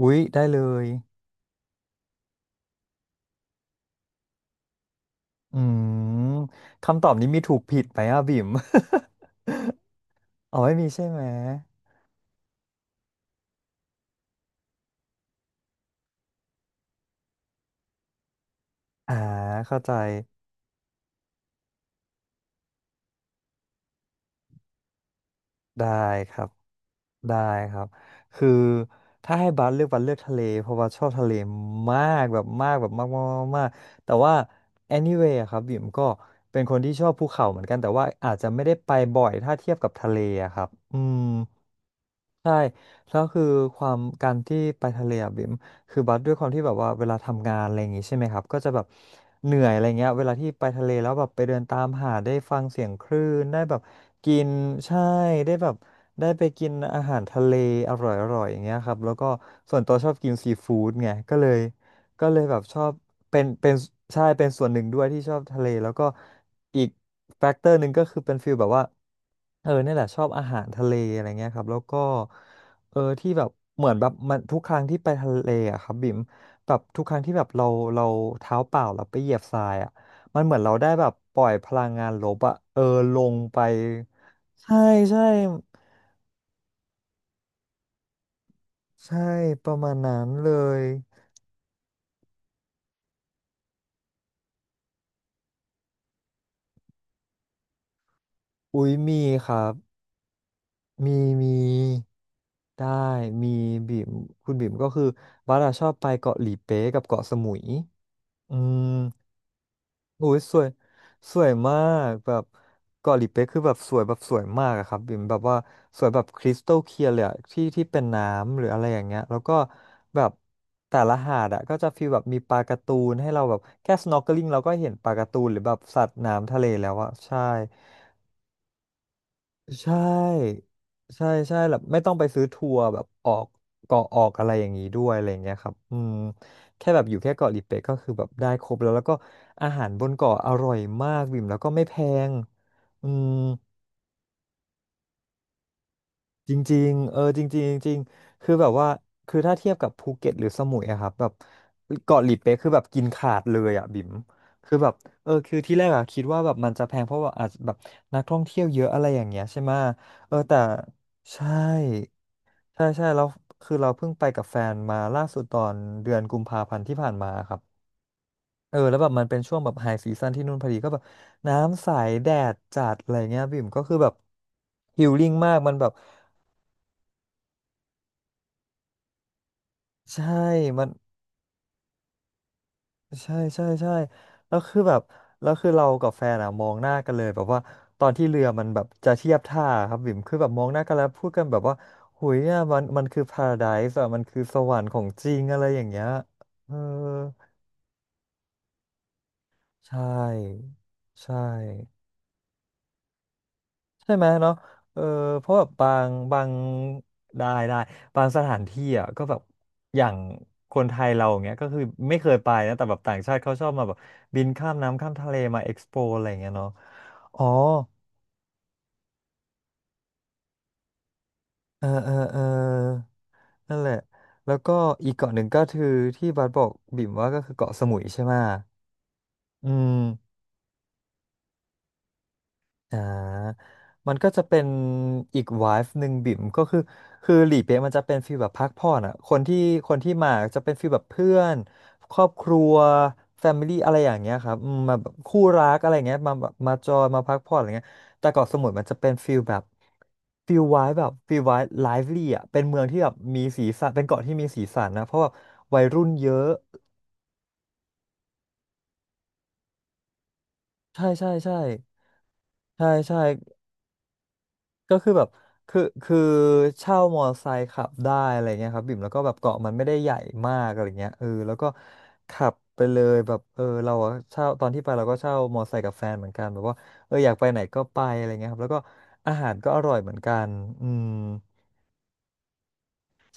อุ๊ยได้เลย อืมคำตอบนี้มีถูกผิดไหมอ่ะบิ่ม อ๋อไม่มีใช่ไหมอ่าเข้าใจได้ครับได้ครับคือถ้าให้บัสเลือกบัสเลือกทะเลเพราะบัสชอบทะเลมากแบบมากแบบมากมากมากมากแต่ว่า anyway อะครับบิ่มก็เป็นคนที่ชอบภูเขาเหมือนกันแต่ว่าอาจจะไม่ได้ไปบ่อยถ้าเทียบกับทะเลอะครับอืม ใช่แล้วคือความการที่ไปทะเลอะบิ่มคือบัสด้วยความที่แบบว่าเวลาทำงานอะไรอย่างงี้ใช่ไหมครับก็จะแบบเหนื่อยอะไรเงี้ยเวลาที่ไปทะเลแล้วแบบไปเดินตามหาดได้ฟังเสียงคลื่นได้แบบกินใช่ได้แบบได้ไปกินอาหารทะเลอร่อยๆอย่างเงี้ยครับแล้วก็ส่วนตัวชอบกินซีฟู้ดไงก็เลย ก็เลยแบบชอบเป็นใช่เป็นส่วนหนึ่งด้วยที่ชอบทะเลแล้วก็อีกแฟกเตอร์หนึ่งก็คือเป็นฟิลแบบว่าเออนี่แหละชอบอาหารทะเลอะไรเงี้ยครับแล้วก็เออที่แบบเหมือนแบบมันทุกครั้งที่ไปทะเลอะครับบิ่มแบบทุกครั้งที่แบบเราเท้าเปล่าเราไปเหยียบทรายอะมันเหมือนเราได้แบบปล่อยพลังงานลบอะเออลงไปใช่ใช่ใช่ประมาณนั้นเลยอุ้ยมีครับ มีมีได้มีบิ่มคุณบิ่มก็คือบัสอะชอบไปเกาะหลีเป๊ะกับเกาะสมุยอืมอุ้ยสวยสวยมากแบบเกาะหลีเป๊ะคือแบบสวยแบบสวยมากอะครับบิ่มแบบว่าสวยแบบคริสตัลเคลียร์เลยอะที่เป็นน้ำหรืออะไรอย่างเงี้ยแล้วก็แบบแต่ละหาดอะก็จะฟีลแบบมีปลาการ์ตูนให้เราแบบแค่ snorkeling เราก็เห็นปลาการ์ตูนหรือแบบสัตว์น้ำทะเลแล้วอะใช่ ใช่ใช่ใช่แบบไม่ต้องไปซื้อทัวร์แบบออกเกาะออกอะไรอย่างนี้ด้วยอะไรอย่างเงี้ยครับอืมแค่แบบอยู่แค่เกาะลิเป๊ะก็คือแบบได้ครบแล้วแล้วก็อาหารบนเกาะอร่อยมากบิ่มแล้วก็ไม่แพงอืมจริงๆเออจริงๆจริงๆคือแบบว่าคือถ้าเทียบกับภูเก็ตหรือสมุยอะครับแบบเกาะหลิเป๊ะคือแบบกินขาดเลยอะบิ่มคือแบบเออคือที่แรกอะคิดว่าแบบมันจะแพงเพราะว่าอาจจะแบบนักท่องเที่ยวเยอะอะไรอย่างเงี้ยใช่ไหมะเออแต่ใช่ ใช่ใช่แล้วคือเราเพิ่งไปกับแฟนมาล่าสุดตอนเดือนกุมภาพันธ์ที่ผ่านมาครับเออแล้วแบบมันเป็นช่วงแบบไฮซีซันที่นู่นพอดีก็แบบน้ำใสแดดจัดอะไรเงี้ยบิ่มก็คือแบบฮิลลิ่งมากมันแบบใช่มันใช่ใช่ใช่แล้วคือแบบแล้วคือเรากับแฟนอะมองหน้ากันเลยแบบว่าตอนที่เรือมันแบบจะเทียบท่าครับบิ่มคือแบบมองหน้ากันแล้วพูดกันแบบว่าหุยอะมันคือพาราไดส์อะมันคือสวรรค์ของจริงอะไรอย่างเงี้ยเออ ใช่ใช่ใช่ไหมเนาะเออเพราะแบบบางได้ได้บางสถานที่อ่ะก็แบบอย่างคนไทยเราอย่างเงี้ยก็คือไม่เคยไปนะแต่แบบต่างชาติเขาชอบมาแบบบินข้ามน้ำข้ามทะเลมาเอ็กซ์โปอะไรอย่างเงี้ยเนาะอ๋อเออเออเออนั่นแหละแล้วก็อีกเกาะหนึ่งก็คือที่บัสบอกบิ่มว่าก็คือเกาะสมุยใช่ไหมอืม อ่ามันก็จะเป็นอีกไวฟ์หนึ่งบิ่มก็คือคือหลีเป๊ะมันจะเป็นฟีลแบบพักผ่อนอ่ะคนที่มาจะเป็นฟีลแบบเพื่อนครอบครัวแฟมิลี่อะไรอย่างเงี้ยครับอืมมาแบบคู่รักอะไรเงี้ยมาแบบมาจอยมาพักผ่อนอะไรเงี้ยแต่เกาะสมุยมันจะเป็นฟีลแบบฟีลไวฟ์ไลฟ์ลี่อ่ะเป็นเมืองที่แบบมีสีสันเป็นเกาะที่มีสีสันนะเพราะแบบวัยรุ่นเยอะใช่ใช่ใช่ใช่ใช่ ก็คือแบบคือเช่ามอไซค์ขับได้อะไรเงี้ยครับบิ่มแล้วก็แบบเกาะมันไม่ได้ใหญ่มากอะไรเงี้ยเออแล้วก็ขับไปเลยแบบเออเราอะเช่าตอนที่ไปเราก็เช่ามอไซค์กับแฟนเหมือนกันแบบว่าเอออยากไปไหนก็ไปอะไรเงี้ยครับแล้วก็อาหารก็อร่อยเหมือนกันอืม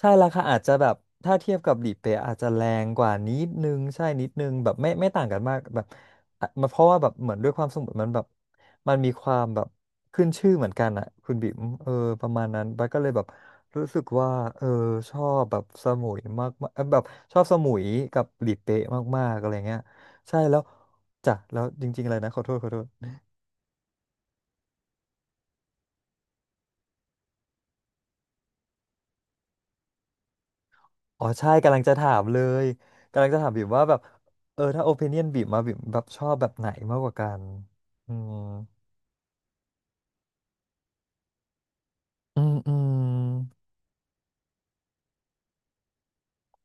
ใช่ราคาอาจจะแบบถ้าเทียบกับหลีเป๊ะอาจจะแรงกว่านิดนึงใช่นิดนึงแบบไม่ต่างกันมากแบบอ่ะมันเพราะว่าแบบเหมือนด้วยความสมุดมันแบบมันมีความแบบขึ้นชื่อเหมือนกันอ่ะคุณบิ๋มเออประมาณนั้นบัสก็เลยแบบรู้สึกว่าเออชอบแบบสมุยมากๆแบบชอบสมุยกับหลีเป๊ะมากๆอะไรเงี้ยใช่แล้วจ้ะแล้วจริงๆเลยนะขอโทษขอโทษ อ๋อใช่กำลังจะถามเลยกำลังจะถามบิ่มว่าแบบเออถ้าโอ i ิเนียนบิ่มมาบิ่มแบบชอบแบบไหนมากกว่ากันอืมอืมอืม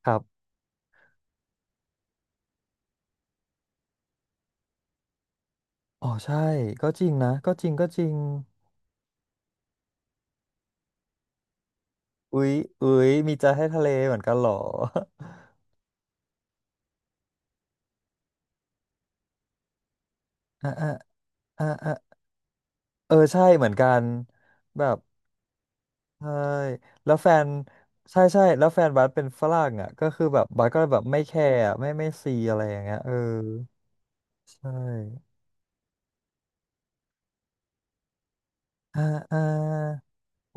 ครับอ๋อใช่ก็จริงนะก็จริงก็จริงอุ๊ยอุ๊ยมีใจให้ทะเลเหมือนกันเหรอ อ่ะอ่ะอ่ะอ่ะเออใช่เหมือนกันแบบใช่แล้วแฟนใช่ใช่แล้วแฟนบัสเป็นฝรั่งอ่ะก็คือแบบบัสก็แบบไม่แคร์อะไม่ซีอะไรอย่างเงี้ยเออใช่อ่าอ่า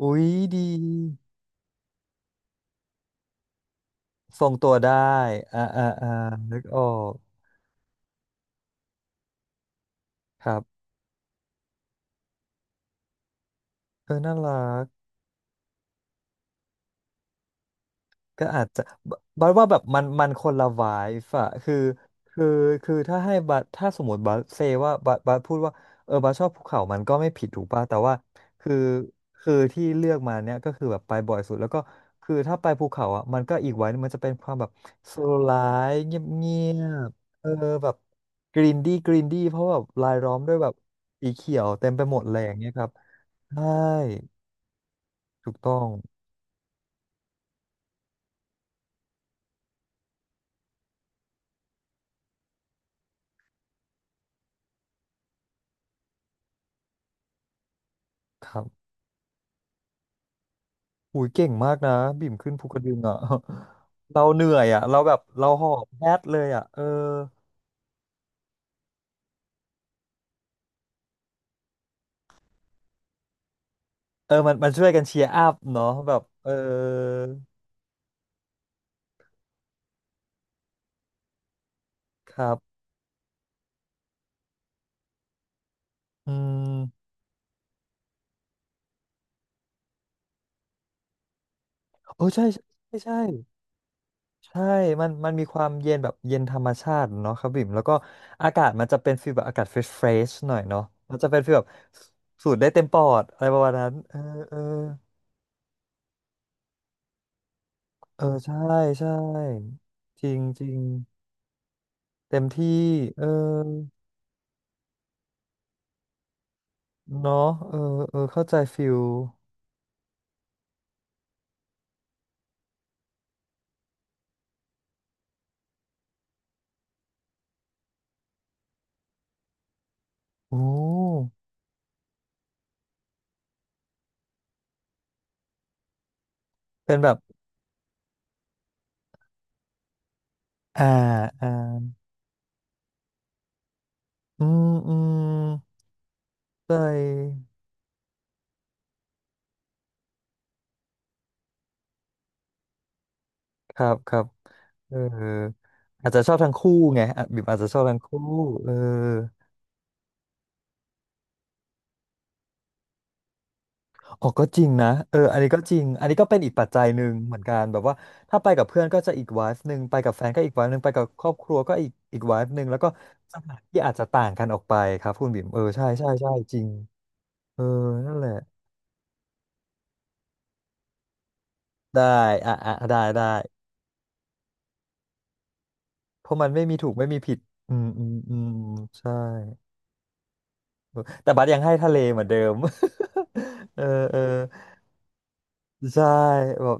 อุ๊ยดีทรงตัวได้อ่าอ่าอ่านึกออกครับเออน่ารัก ก็อาจจะบบัสว่าแบบมันมันคนละไวฟ์อะคือคือถ้าให้บัสถ้าสมมติบัสเซว่าบัสพูดว่าเออบัสชอบภูเขามันก็ไม่ผิดถูกป่ะแต่ว่าคือคือที่เลือกมาเนี้ยก็คือแบบไปบ่อยสุดแล้วก็คือถ้าไปภูเขาอ่ะมันก็อีกไว้ มันจะเป็นความแบบสโลไลฟ์เงียบเงียบเออแบบกรีนดี้กรีนดี้เพราะแบบรายล้อมด้วยแบบสีเขียวเต็มไปหมดเลยอย่างเงี้ยครับใช่ถูกต้องครับ หูยเก่งมากนะบิ่มขึ้นภูกระดึงอ่ะ เราเหนื่อยอ่ะเราแบบเราหอบแฮดเลยอ่ะเออเออมันช่วยกันเชียร์อัพเนาะแบบเออครับอืมโอ้ใช่ใช่ใช่ใช่ใช่มันมีความเย็นแบบเย็นธรรมชาติเนาะครับบิ่มแล้วก็อากาศมันจะเป็นฟีลแบบอากาศเฟรชเฟรชหน่อยเนาะมันจะเป็นฟีลแบบสูดได้เต็มปอดอะไรประมาณนั้นเออเออเออใช่ใช่จริงจริงเต็มที่เออ เนาะเออเออเข้าใจฟิลโอ้เป็นแบบอ่าอ่าอืมอืมใช่ครับครับเอออาจจะชอบทั้งคู่ไงอ่ะบิมอาจจะชอบทั้งคู่เอออ๋อก็จริงนะเอออันนี้ก็จริงอันนี้ก็เป็นอีกปัจจัยหนึ่งเหมือนกันแบบว่าถ้าไปกับเพื่อนก็จะอีกไวฟ์หนึ่งไปกับแฟนก็อีกไวฟ์หนึ่งไปกับครอบครัวก็อีกไวฟ์หนึ่งแล้วก็สถานที่อาจจะต่างกันออกไปครับคุณบิมเออใช่ใช่ใช่จริงเออนั่นแหละได้อ่ะอ่ะได้ได้ เพราะมันไม่มีถูกไม่มีผิด อืมอืมอืมใช่ แต่บัสยังให้ทะเลเหมือนเดิม เออเออใช่แบบ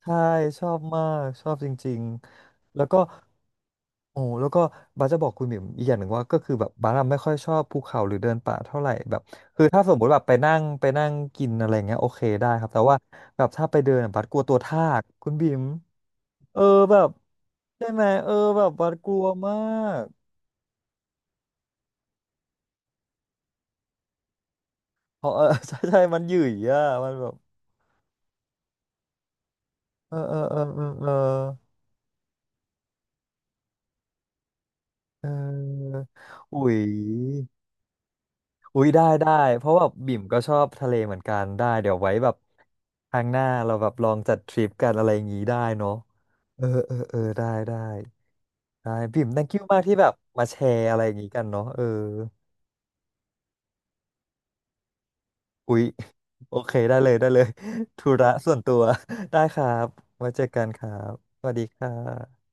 ใช่ชอบมากชอบจริงๆแล้วก็โอ้แล้วก็บัสจะบอกคุณบิ่มอีกอย่างหนึ่งว่าก็คือแบบบัสอะไม่ค่อยชอบภูเขาหรือเดินป่าเท่าไหร่แบบคือถ้าสมมติแบบไปนั่งกินอะไรเงี้ยโอเคได้ครับแต่ว่าแบบถ้าไปเดินอะบัสกลัวตัวทากคุณบิ่มเออแบบใช่ไหมเออแบบบัสกลัวมาก เพราะเออ ใช่ใช่มันหยุ่ยอ่ะมันแบบเออเออเออเออเออเอออุ๊ยอุ๊ยได้ได้เพราะวบาบิ่มก็ชอบทะเลเหมือนกันได้เดี๋ยวไว้แบบครั้งหน้าเราแบบลองจัดทริปกันอะไรอย่างงี้ได้เนาะเออเออเออได้ได้ได้บิ่ม thank you มากที่แบบมาแชร์อะไรอย่างงี้กันเนาะเอออุ๊ยโอเคได้เลยได้เลย ธุระส่วนตัว ได้ครับไว้เจอกันครับสวัสดีค่ะ